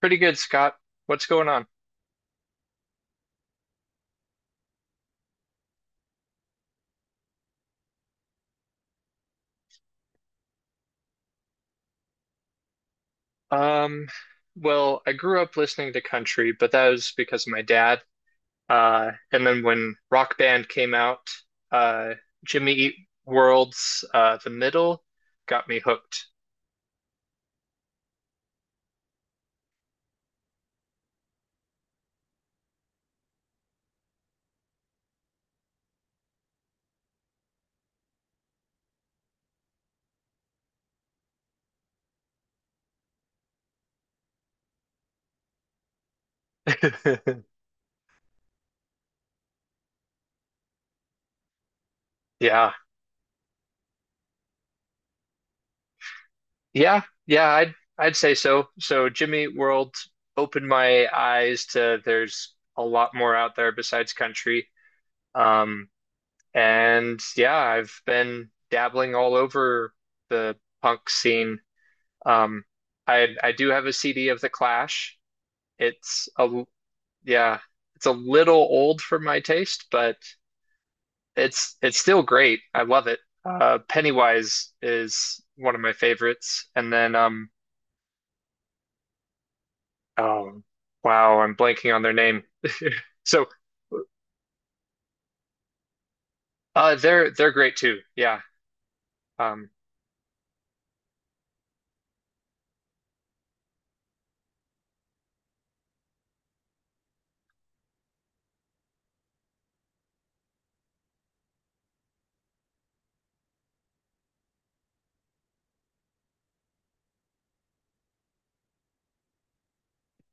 Pretty good, Scott. What's going on? Um, well, I grew up listening to country, but that was because of my dad. And then when Rock Band came out, uh, Jimmy Eat World's The Middle got me hooked. Yeah. Yeah. Yeah, I'd say so. So Jimmy Eat World opened my eyes to there's a lot more out there besides country. Um, And yeah, I've been dabbling all over the punk scene. Um, I do have a CD of The Clash. It's a l- yeah, it's a little old for my taste, but it's still great. I love it. Pennywise is one of my favorites, and then oh wow, I'm blanking on their name. So they're great too. Yeah. Um,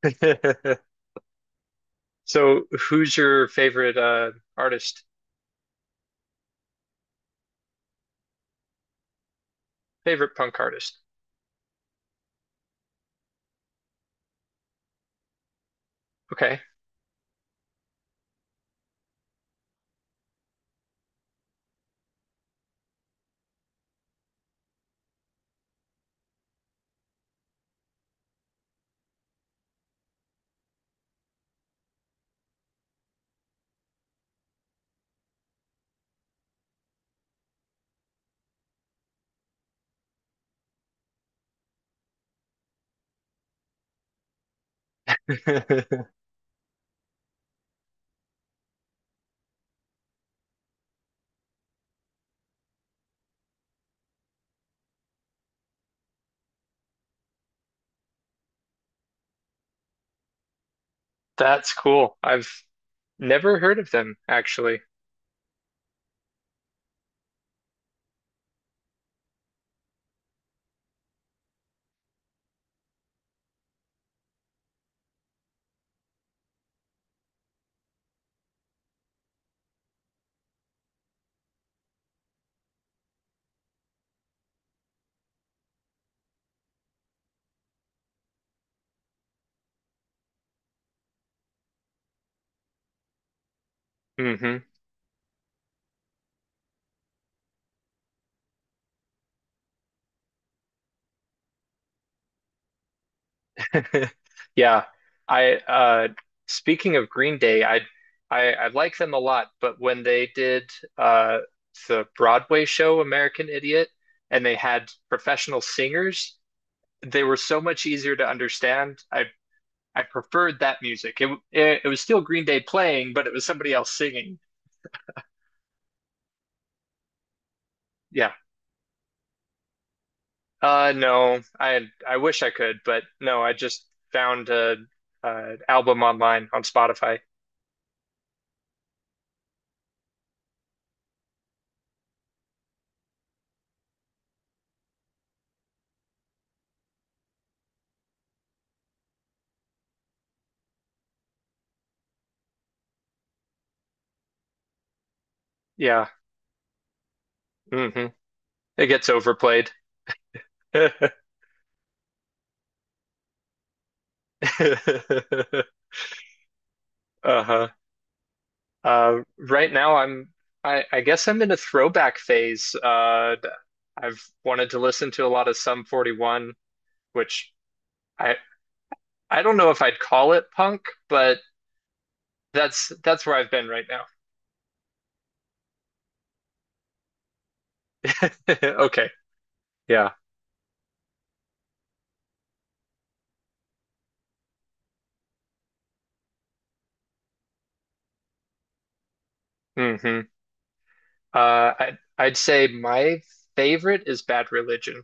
so who's your favorite artist? Favorite punk artist. Okay. That's cool. I've never heard of them actually. Hmm. Yeah. I Speaking of Green Day, I like them a lot, but when they did uh the Broadway show American Idiot and they had professional singers, they were so much easier to understand. I preferred that music. It was still Green Day playing, but it was somebody else singing. Yeah. No, I wish I could, but no, I just found a album online on Spotify. Yeah. Hmm. It gets overplayed. Uh-huh. Right now I guess I'm in a throwback phase. I've wanted to listen to a lot of Sum 41, which I I don't know if I'd call it punk, but that's where I've been right now. Okay. Yeah. Hmm. I'd say my favorite is Bad Religion.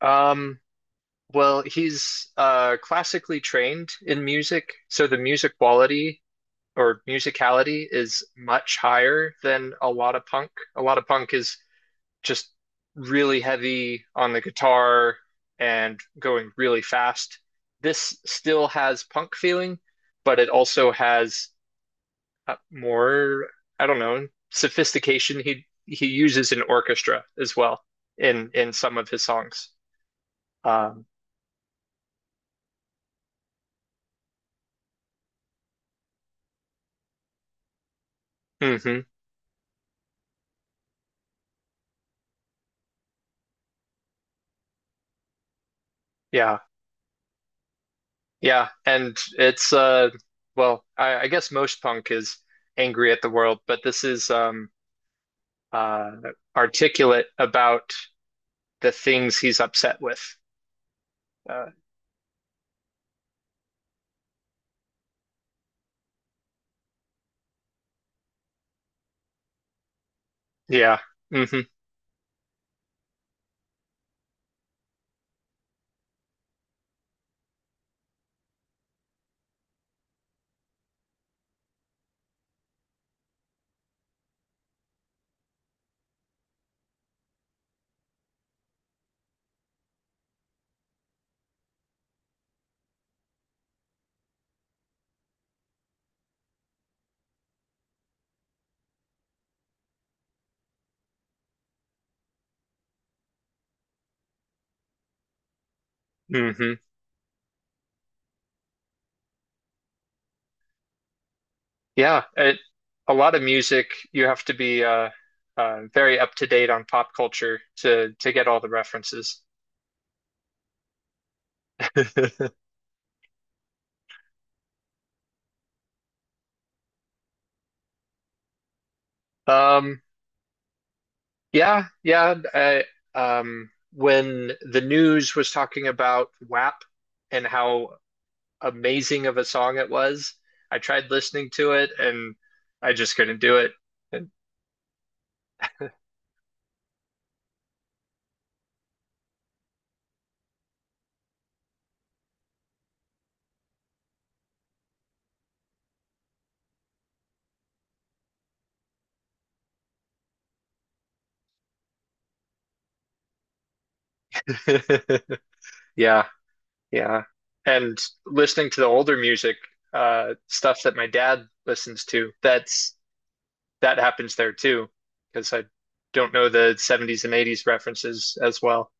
Um, well, he's classically trained in music, so the music quality or musicality is much higher than a lot of punk. A lot of punk is just really heavy on the guitar and going really fast. This still has punk feeling, but it also has more, I don't know, sophistication. He uses an orchestra as well in some of his songs. Um, hmm. Yeah, yeah, and it's well, I guess most punk is angry at the world, but this is uh articulate about the things he's upset with. Uh, yeah. Hmm. Hmm. Yeah, it, a lot of music, you have to be very up to date on pop culture to get all the references. Um, yeah, yeah. Um, when the news was talking about WAP and how amazing of a song it was, I tried listening to it and I just couldn't do it. Yeah, yeah. And listening to the older music, stuff that my dad listens to, that's that happens there too, because I don't know the '70s and '80s references as well.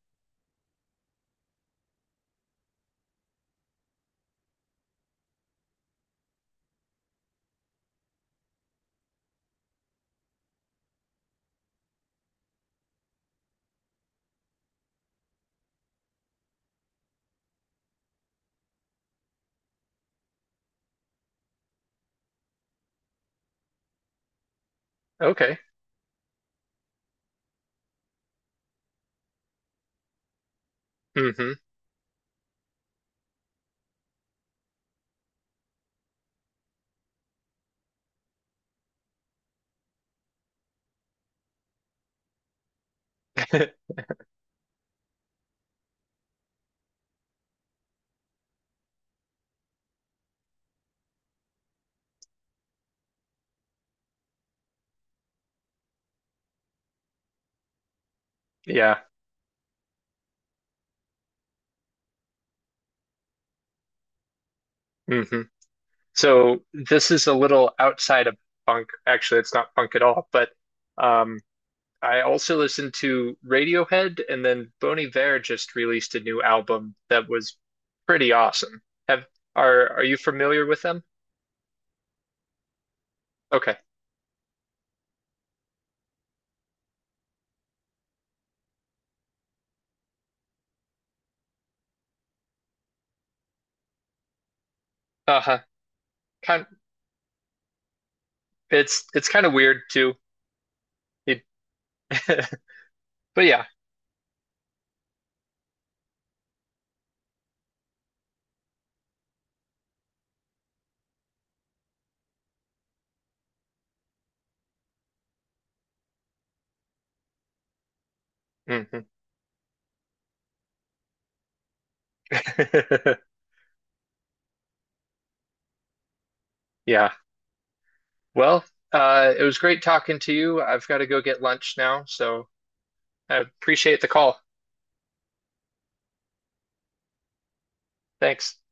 Okay. Hmm. Yeah. Hmm. So this is a little outside of punk. Actually, it's not punk at all, but um, I also listened to Radiohead, and then Bon Iver just released a new album that was pretty awesome. Have are you familiar with them? Okay. Uh-huh. Kind It's kind of weird too. It- but yeah. Hmm. Yeah. Well, it was great talking to you. I've got to go get lunch now, so I appreciate the call. Thanks.